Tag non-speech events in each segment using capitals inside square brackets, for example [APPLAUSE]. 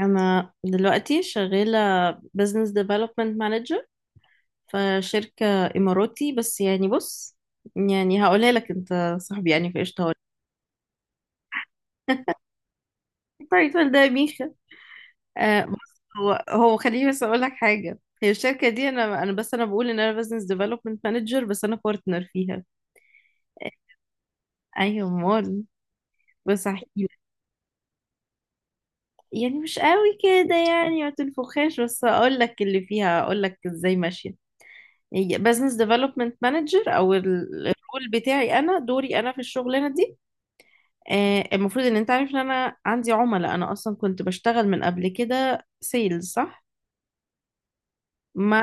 أنا دلوقتي شغالة business development manager في شركة إماراتي. بس يعني بص، يعني هقولها لك، أنت صاحبي يعني في قشطة. التايتل ده يا ميخا آه، بص، هو خليني بس أقول لك حاجة. هي الشركة دي أنا بقول إن أنا business development manager بس أنا partner فيها. أيوة أمال، بس أحكي لك. يعني مش قوي كده، يعني ما تنفخهاش، بس أقول لك اللي فيها، أقول لك إزاي ماشية. بزنس ديفلوبمنت مانجر او الرول بتاعي، انا دوري انا في الشغلانه دي. المفروض ان انت عارف ان انا عندي عملاء. انا اصلا كنت بشتغل من قبل كده سيلز، صح؟ مع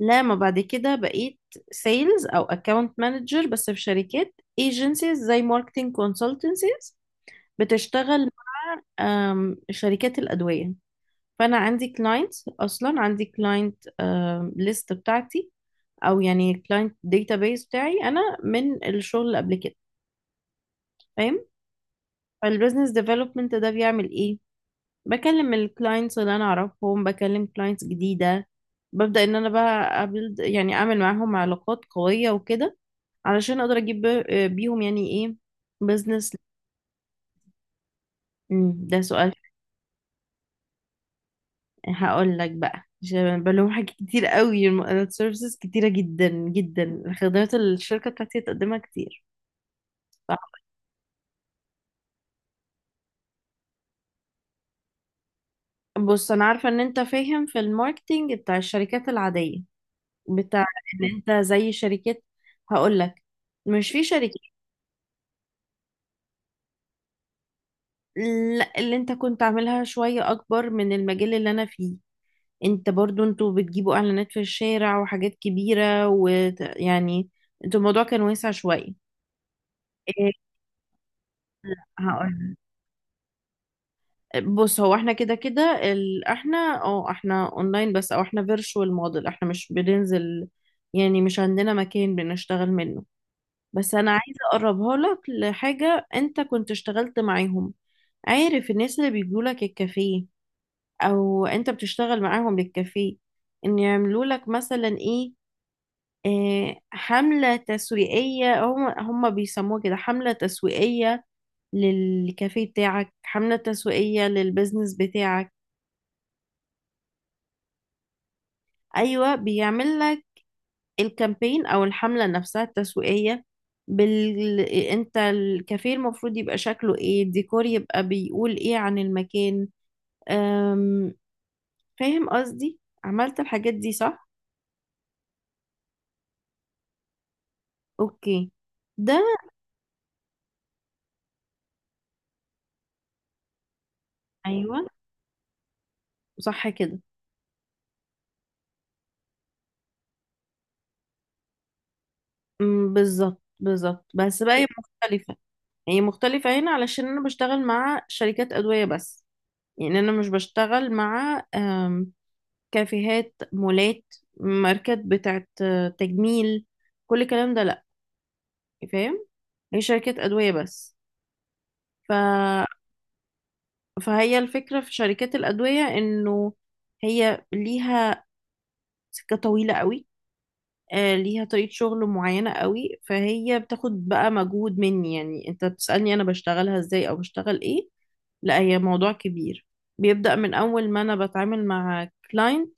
لما بعد كده بقيت سيلز او اكاونت مانجر بس في شركات، ايجنسيز زي ماركتنج كونسلتنسيز بتشتغل. شركات الادويه. فانا عندي كلاينت، اصلا عندي كلاينت ليست بتاعتي، او يعني كلاينت داتابيس بتاعي انا من الشغل اللي قبل كده، فاهم؟ فالبزنس ديفلوبمنت ده بيعمل ايه؟ بكلم الكلاينتس اللي انا اعرفهم، بكلم كلاينتس جديده، ببدا ان انا بقى أبلد، يعني اعمل معاهم علاقات قويه وكده علشان اقدر اجيب بيهم يعني ايه، بزنس. ده سؤال. هقول لك بقى، عشان بلوم حاجات كتير قوي، السيرفيسز كتيره جدا جدا، خدمات الشركه بتاعتي تقدمها كتير. بص، انا عارفه ان انت فاهم في الماركتينج بتاع الشركات العاديه، بتاع ان انت زي شركات. هقول لك، مش في شركات. لا، اللي انت كنت عاملها شوية اكبر من المجال اللي انا فيه. انت برضو انتوا بتجيبوا اعلانات في الشارع وحاجات كبيرة، ويعني انتوا الموضوع كان واسع شوية. ايه، هقول بص، هو احنا كده كده، ال... احنا اه احنا اونلاين بس، او احنا فيرتشوال موديل، احنا مش بننزل. يعني مش عندنا مكان بنشتغل منه. بس انا عايزه اقربها لك لحاجه انت كنت اشتغلت معاهم. عارف الناس اللي بيجوا لك الكافيه، او انت بتشتغل معاهم للكافيه، ان يعملوا لك مثلا ايه؟ حملة تسويقية. هم بيسموها كده، حملة تسويقية للكافيه بتاعك، حملة تسويقية للبيزنس بتاعك. ايوه، بيعمل لك الكامبين او الحملة نفسها التسويقية، انت الكافيه المفروض يبقى شكله ايه، الديكور يبقى بيقول ايه عن المكان. أم... فاهم قصدي؟ عملت الحاجات دي، صح؟ اوكي. ده ايوه، صح كده. بالظبط بالظبط، بس بقى هي مختلفة. هي مختلفة هنا علشان انا بشتغل مع شركات ادوية بس. يعني انا مش بشتغل مع كافيهات، مولات، ماركات بتاعت تجميل، كل الكلام ده لا. فاهم؟ هي شركات أدوية بس، ف... فهي الفكرة في شركات الأدوية إنه هي ليها سكة طويلة قوي. ليها طريقة شغل معينة قوي، فهي بتاخد بقى مجهود مني. يعني أنت بتسألني أنا بشتغلها إزاي أو بشتغل إيه. لا، هي موضوع كبير، بيبدأ من أول ما أنا بتعامل مع كلاينت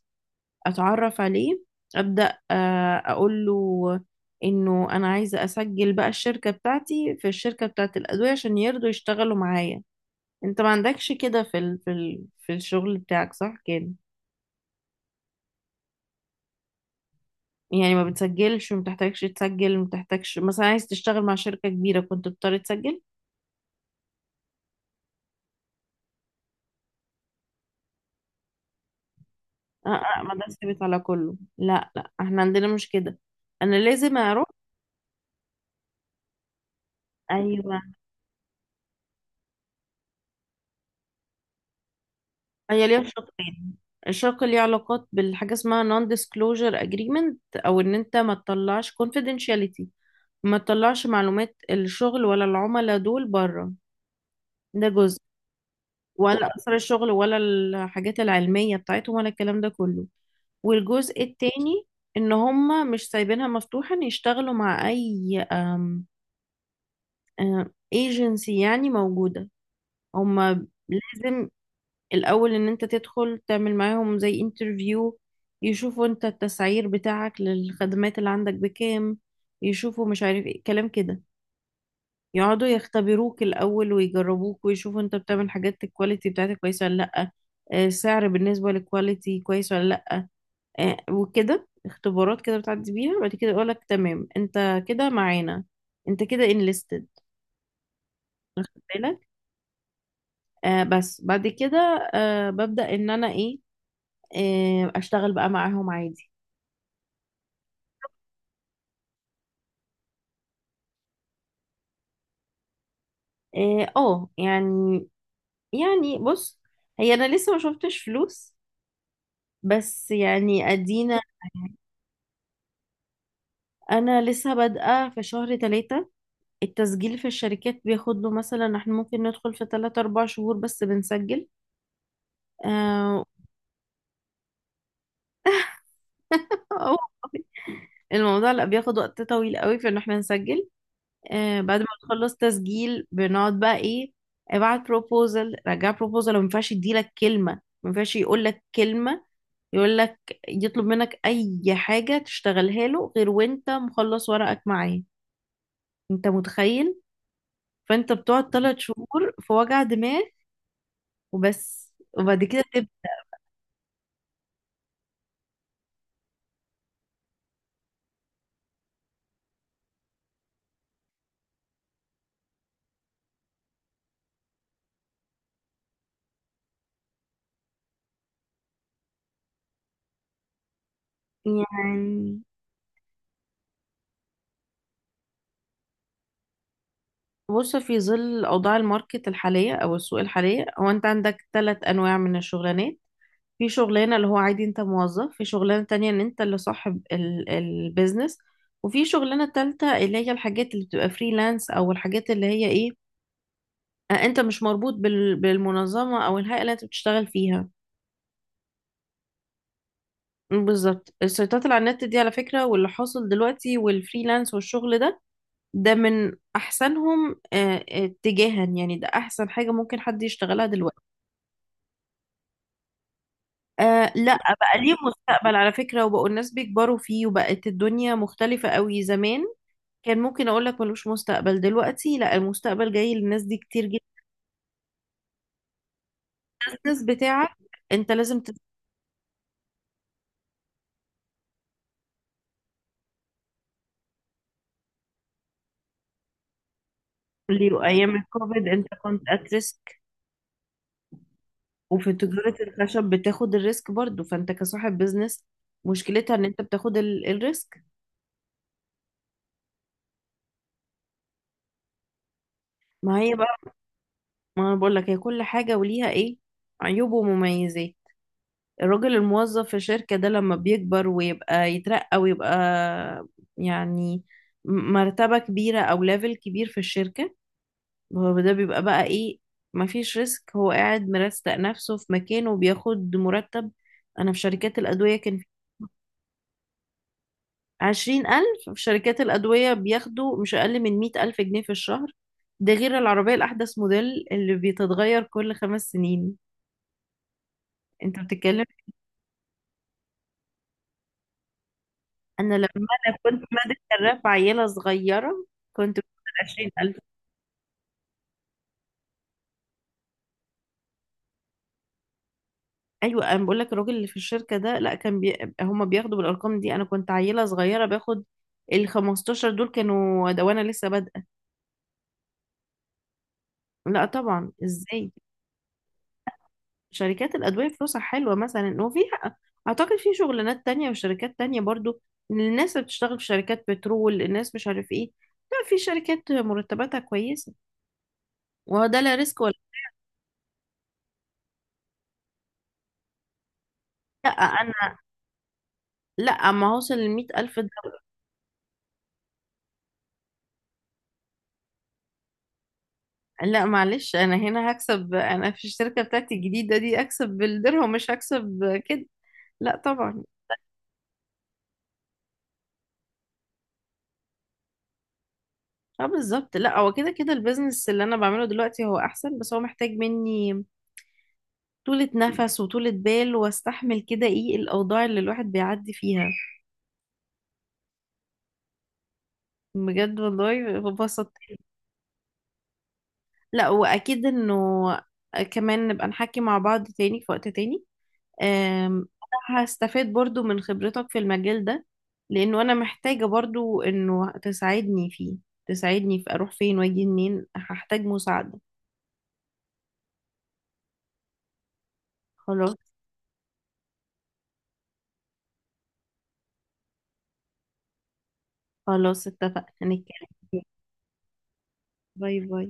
أتعرف عليه، أبدأ أقول له إنه أنا عايزة أسجل بقى الشركة بتاعتي في الشركة بتاعت الأدوية عشان يرضوا يشتغلوا معايا. انت ما عندكش كده في الشغل بتاعك، صح كده؟ يعني ما بتسجلش وما بتحتاجش تسجل، ما بتحتاجش مثلا عايز تشتغل مع شركة كبيرة كنت بتضطر تسجل. اه اه، ما ده ثابت على كله. لا لا، احنا عندنا مش كده. انا لازم اروح. ايوه، هي ليها شقين. الشق ليه علاقات بالحاجة اسمها non disclosure agreement، او ان انت ما تطلعش confidentiality، ما تطلعش معلومات الشغل ولا العملاء دول بره. ده جزء، ولا أثر الشغل ولا الحاجات العلمية بتاعتهم ولا الكلام ده كله. والجزء التاني ان هم مش سايبينها مفتوحة ان يشتغلوا مع اي ايجنسي يعني موجودة. هم لازم الاول ان انت تدخل تعمل معاهم زي انترفيو. يشوفوا انت التسعير بتاعك للخدمات اللي عندك بكام، يشوفوا مش عارف ايه كلام كده. يقعدوا يختبروك الأول ويجربوك ويشوفوا انت بتعمل حاجات، الكواليتي بتاعتك كويسة ولا لأ، السعر بالنسبة للكواليتي كويس ولا لأ. وكده اختبارات كده بتعدي بيها. بعد كده يقولك تمام، انت كده معانا، انت كده انليستد، واخد بالك. بس بعد كده ببدأ ان انا ايه، اشتغل بقى معاهم عادي. اه آه، يعني يعني بص، هي انا لسه ما شفتش فلوس، بس يعني ادينا. انا لسه بادئه في شهر ثلاثة. التسجيل في الشركات بياخد له مثلا احنا ممكن ندخل في 3 4 شهور بس بنسجل. آه أو- [LAUGHS] الموضوع، لا، بياخد وقت طويل قوي في ان احنا نسجل. بعد ما نخلص تسجيل بنقعد بقى ايه؟ ابعت بروبوزل، رجع بروبوزل، وما ينفعش يديلك كلمة، ما ينفعش يقول لك كلمة، يقول لك، يطلب منك اي حاجة تشتغلها له غير وانت مخلص ورقك معاه. انت متخيل، فانت بتقعد 3 شهور في وجع دماغ وبس، وبعد كده تبقى. يعني بص، في ظل اوضاع الماركت الحاليه او السوق الحاليه، هو انت عندك 3 انواع من الشغلانات. في شغلانه اللي هو عادي انت موظف، في شغلانه تانية ان انت اللي صاحب البيزنس، وفي شغلانه تالتة اللي هي الحاجات اللي بتبقى فريلانس، او الحاجات اللي هي ايه، انت مش مربوط بالمنظمه او الهيئه اللي انت بتشتغل فيها. بالظبط، السيطرة على النت دي على فكرة واللي حاصل دلوقتي والفريلانس والشغل ده، ده من احسنهم اتجاها، يعني ده احسن حاجة ممكن حد يشتغلها دلوقتي. آه لا بقى، ليه مستقبل على فكرة، وبقوا الناس بيكبروا فيه، وبقت الدنيا مختلفة قوي زمان. كان ممكن اقول لك ملوش مستقبل، دلوقتي لا، المستقبل جاي للناس دي كتير جدا. الناس بتاعك انت لازم تستقل. وايام الكوفيد انت كنت at risk. وفي تجارة الخشب بتاخد الريسك برضو، فانت كصاحب بيزنس مشكلتها ان انت بتاخد الريسك. ما هي، ما انا بقول لك هي كل حاجة وليها ايه، عيوب ومميزات. الراجل الموظف في الشركة ده لما بيكبر ويبقى يترقى ويبقى يعني مرتبة كبيرة او ليفل كبير في الشركة، هو ده بيبقى بقى ايه. مفيش ريسك، هو قاعد مرستق نفسه في مكانه وبياخد مرتب. انا في شركات الأدوية كان في 20,000. في شركات الأدوية بياخدوا مش أقل من 100,000 جنيه في الشهر، ده غير العربية الأحدث موديل اللي بيتتغير كل 5 سنين. انت بتتكلم. انا لما انا كنت مادة الراب عيلة صغيرة كنت باخد 20,000. ايوه انا بقول لك الراجل اللي في الشركة ده، لا، كان هما بياخدوا بالارقام دي. انا كنت عيلة صغيرة باخد ال 15 دول كانوا ده، وانا لسه بادئة. لا طبعا، ازاي؟ شركات الادوية فلوسها حلوة مثلا، وفي اعتقد في شغلانات تانية وشركات تانية برضو. الناس اللي بتشتغل في شركات بترول، الناس مش عارف ايه. لا في شركات مرتباتها كويسة، وهو ده لا ريسك ولا. لا انا، لا ما هوصل لـ100,000. لا معلش، انا هنا هكسب. انا في الشركه بتاعتي الجديده دي اكسب بالدرهم، مش هكسب كده. لا طبعا. اه بالظبط، لا هو كده كده البيزنس اللي انا بعمله دلوقتي هو احسن، بس هو محتاج مني طولة نفس وطولة بال واستحمل كده ايه الاوضاع اللي الواحد بيعدي فيها. بجد والله ببسط. لا واكيد انه كمان نبقى نحكي مع بعض تاني في وقت تاني. أم، أنا هستفاد برضو من خبرتك في المجال ده، لأنه أنا محتاجة برضو إنه تساعدني فيه. تساعدني في أروح فين وأجي منين، هحتاج مساعدة. خلاص، خلاص اتفقنا هنتكلم. باي باي.